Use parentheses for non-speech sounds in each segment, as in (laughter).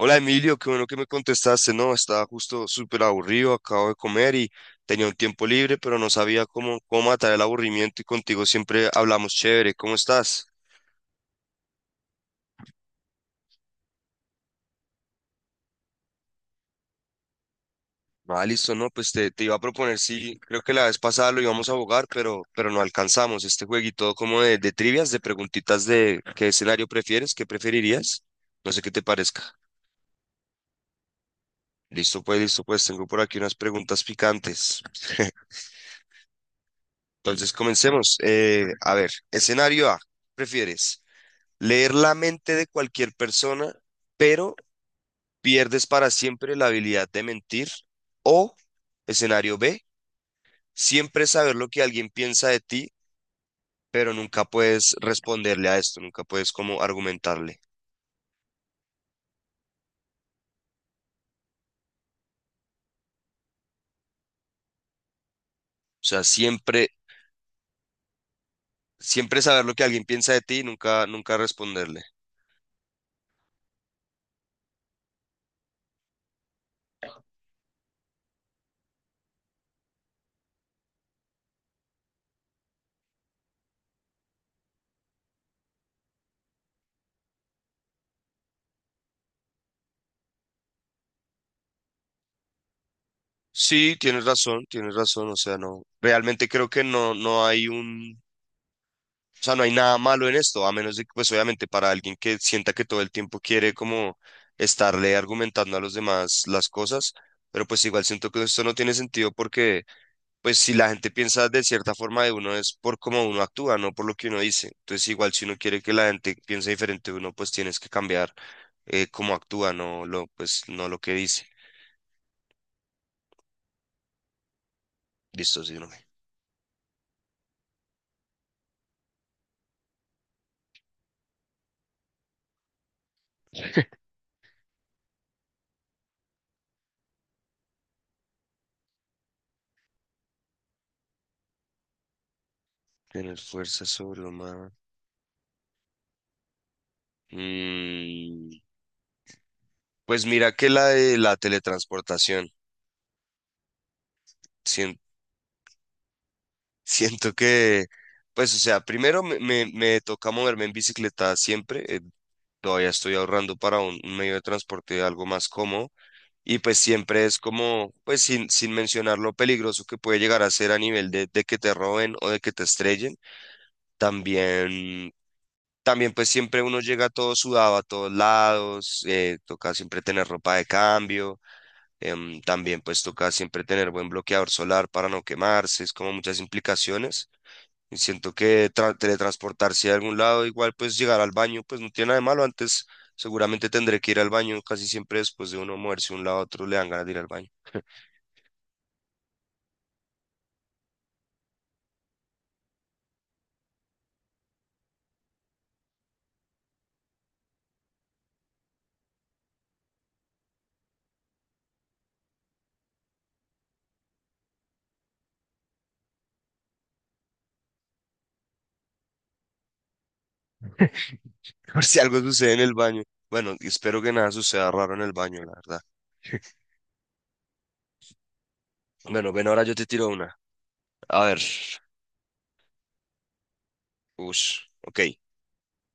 Hola Emilio, qué bueno que me contestaste. No, estaba justo súper aburrido, acabo de comer y tenía un tiempo libre, pero no sabía cómo matar el aburrimiento y contigo siempre hablamos chévere. ¿Cómo estás? Ah, listo, no, pues te iba a proponer, sí, creo que la vez pasada lo íbamos a jugar, pero no alcanzamos este jueguito como de trivias, de preguntitas de qué escenario prefieres, qué preferirías. No sé qué te parezca. Listo, pues, tengo por aquí unas preguntas picantes. (laughs) Entonces, comencemos. A ver, escenario A, ¿prefieres? Leer la mente de cualquier persona, pero pierdes para siempre la habilidad de mentir. O, escenario B, siempre saber lo que alguien piensa de ti, pero nunca puedes responderle a esto, nunca puedes como argumentarle. O sea, siempre, siempre saber lo que alguien piensa de ti, nunca, nunca responderle. Sí, tienes razón, tienes razón. O sea, no, realmente creo que no, no hay un. O sea, no hay nada malo en esto, a menos de que, pues obviamente para alguien que sienta que todo el tiempo quiere como estarle argumentando a los demás las cosas, pero pues igual siento que esto no tiene sentido porque, pues si la gente piensa de cierta forma de uno es por cómo uno actúa, no por lo que uno dice. Entonces igual si uno quiere que la gente piense diferente de uno, pues tienes que cambiar cómo actúa, no lo, pues, no lo que dice. Listo, sí, no me. Tener fuerza sobrehumana. Mm, pues mira que la de la teletransportación. Siento que, pues, o sea, primero me toca moverme en bicicleta siempre. Todavía estoy ahorrando para un medio de transporte algo más cómodo. Y pues siempre es como, pues, sin mencionar lo peligroso que puede llegar a ser a nivel de que te roben o de que te estrellen. También, también, pues, siempre uno llega todo sudado a todos lados. Toca siempre tener ropa de cambio. También, pues, toca siempre tener buen bloqueador solar para no quemarse. Es como muchas implicaciones. Y siento que teletransportarse a algún lado, igual pues llegar al baño, pues no tiene nada de malo. Antes seguramente tendré que ir al baño, casi siempre después de uno moverse de un lado a otro le dan ganas de ir al baño. (laughs) Por si algo sucede en el baño. Bueno, y espero que nada suceda raro en el baño, la verdad. Bueno, ven, ahora yo te tiro una. A ver, ush, ok.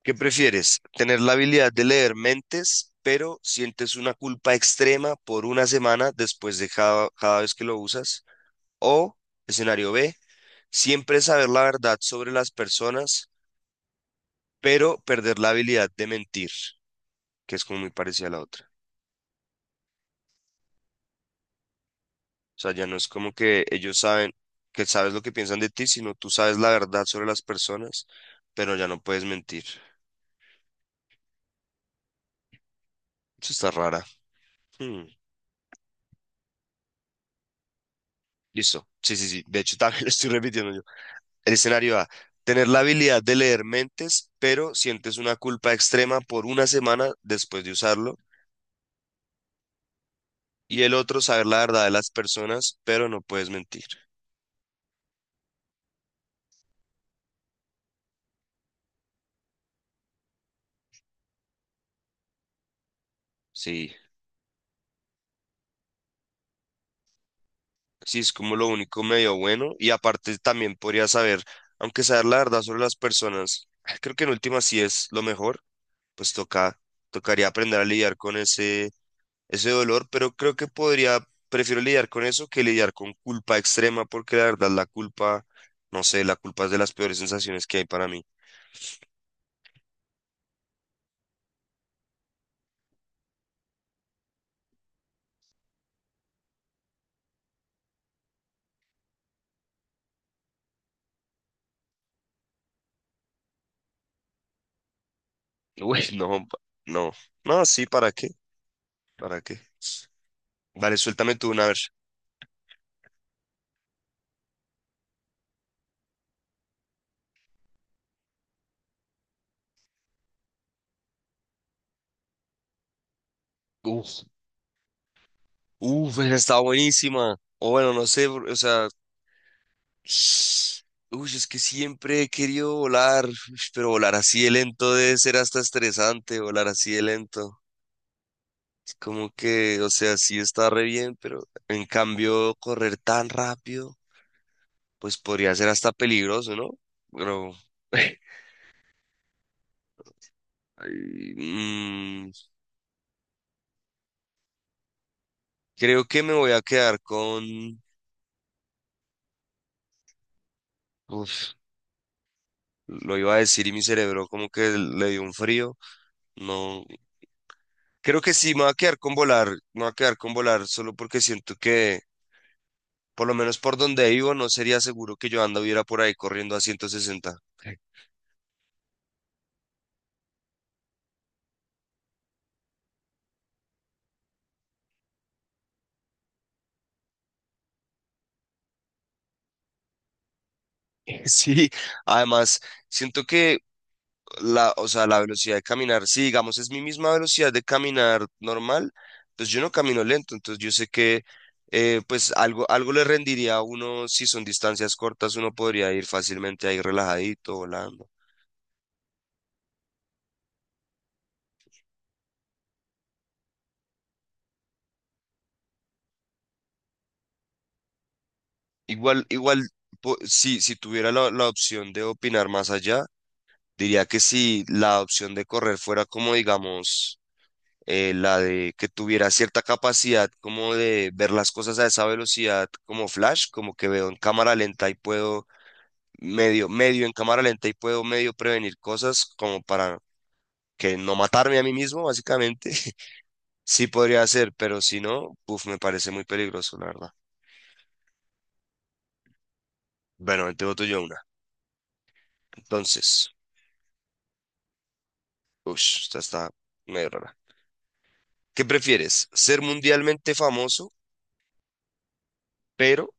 ¿Qué prefieres? ¿Tener la habilidad de leer mentes, pero sientes una culpa extrema por una semana después de cada vez que lo usas? ¿O escenario B? Siempre saber la verdad sobre las personas, pero perder la habilidad de mentir, que es como muy parecida a la otra. O sea, ya no es como que ellos saben que sabes lo que piensan de ti, sino tú sabes la verdad sobre las personas, pero ya no puedes mentir. Eso está rara. Hmm. Listo. Sí, sí, sí. De hecho, también (laughs) lo estoy repitiendo yo. El escenario A. Tener la habilidad de leer mentes, pero sientes una culpa extrema por una semana después de usarlo. Y el otro, saber la verdad de las personas, pero no puedes mentir. Sí. Sí, es como lo único medio bueno. Y aparte también podría saber, aunque saber la verdad sobre las personas, (sighs) creo que en última sí es lo mejor, pues toca, tocaría aprender a lidiar con ese, ese dolor, pero creo que podría, prefiero lidiar con eso que lidiar con culpa extrema, porque la verdad la culpa, no sé, la culpa es de las peores sensaciones que hay para mí. (laughs) Uy, no, no, no, sí, ¿para qué? ¿Para qué? Vale, suéltame tú una vez. Uf, uf, esa está buenísima. O bueno, no sé, o sea, uy, es que siempre he querido volar, ush, pero volar así de lento debe ser hasta estresante, volar así de lento. Es como que, o sea, sí está re bien, pero en cambio correr tan rápido, pues podría ser hasta peligroso, ¿no? Pero (laughs) ay, mm, creo que me voy a quedar con... Uf, lo iba a decir y mi cerebro como que le dio un frío. No, creo que sí, me voy a quedar con volar, me voy a quedar con volar solo porque siento que... Por lo menos por donde vivo, no sería seguro que yo anduviera por ahí corriendo a 160. (laughs) Sí, además, siento que la, o sea, la velocidad de caminar, si digamos es mi misma velocidad de caminar normal, pues yo no camino lento, entonces yo sé que pues algo, algo le rendiría a uno, si son distancias cortas, uno podría ir fácilmente ahí relajadito, volando. Igual, igual, si, tuviera la opción de opinar más allá, diría que si la opción de correr fuera como, digamos, la de que tuviera cierta capacidad como de ver las cosas a esa velocidad como flash, como que veo en cámara lenta y puedo medio en cámara lenta y puedo medio prevenir cosas como para que no matarme a mí mismo, básicamente. (laughs) Sí podría ser, pero si no, uf, me parece muy peligroso, la verdad. Bueno, te voto yo una. Entonces, uff, esta está medio rara. ¿Qué prefieres? ¿Ser mundialmente famoso, pero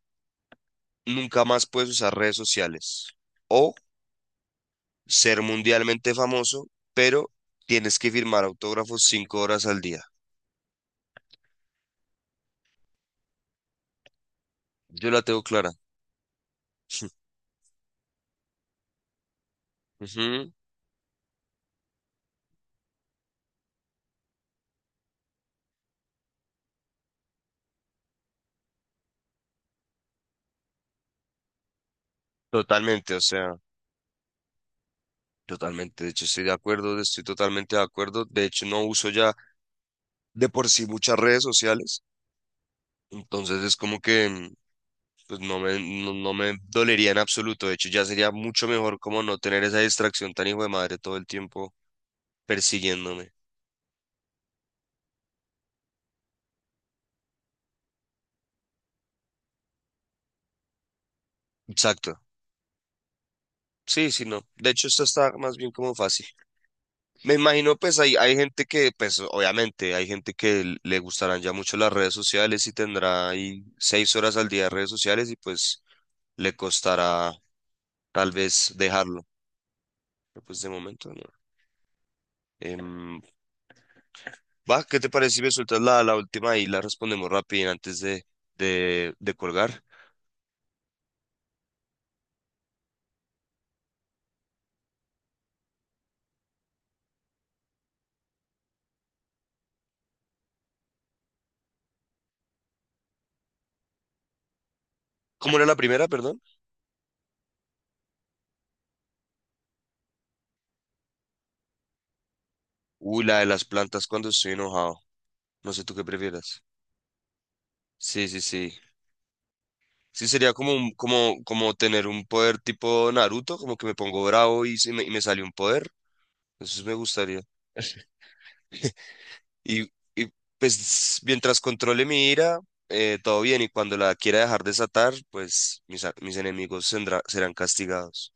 nunca más puedes usar redes sociales? ¿O ser mundialmente famoso, pero tienes que firmar autógrafos 5 horas al día? Yo la tengo clara. Ujú. Totalmente, o sea, totalmente. De hecho, estoy de acuerdo, estoy totalmente de acuerdo. De hecho, no uso ya de por sí muchas redes sociales. Entonces es como que pues no me, no, no me dolería en absoluto. De hecho, ya sería mucho mejor como no tener esa distracción tan hijo de madre todo el tiempo persiguiéndome. Exacto. Sí, sí, no. De hecho, esto está más bien como fácil. Me imagino, pues hay gente que, pues obviamente, hay gente que le gustarán ya mucho las redes sociales y tendrá ahí 6 horas al día de redes sociales y pues le costará tal vez dejarlo. Pero pues de momento no. Em, Va, ¿qué te parece si me sueltas la, última y la respondemos rápido antes de colgar? ¿Cómo era la primera, perdón? Uy, la de las plantas cuando estoy enojado. No sé tú qué prefieras. Sí, sí, sí. Sí, sería como, como tener un poder tipo Naruto, como que me pongo bravo y, se me, y me sale un poder. Eso sí me gustaría. (laughs) Y, y, pues mientras controle mi ira, todo bien. Y cuando la quiera dejar desatar, pues mis, mis enemigos serán castigados.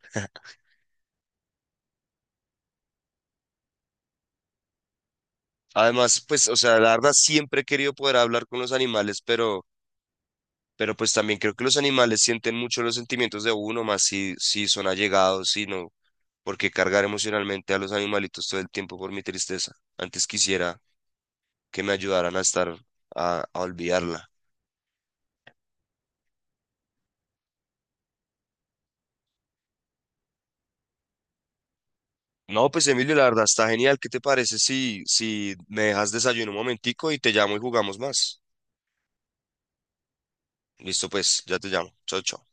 Además, pues, o sea, la verdad siempre he querido poder hablar con los animales, pero pues también creo que los animales sienten mucho los sentimientos de uno, más si, son allegados, si no. Porque cargar emocionalmente a los animalitos todo el tiempo por mi tristeza. Antes quisiera que me ayudaran a estar, a olvidarla. No, pues Emilio, la verdad está genial. ¿Qué te parece si, me dejas desayuno un momentico y te llamo y jugamos más? Listo, pues, ya te llamo. Chao, chao.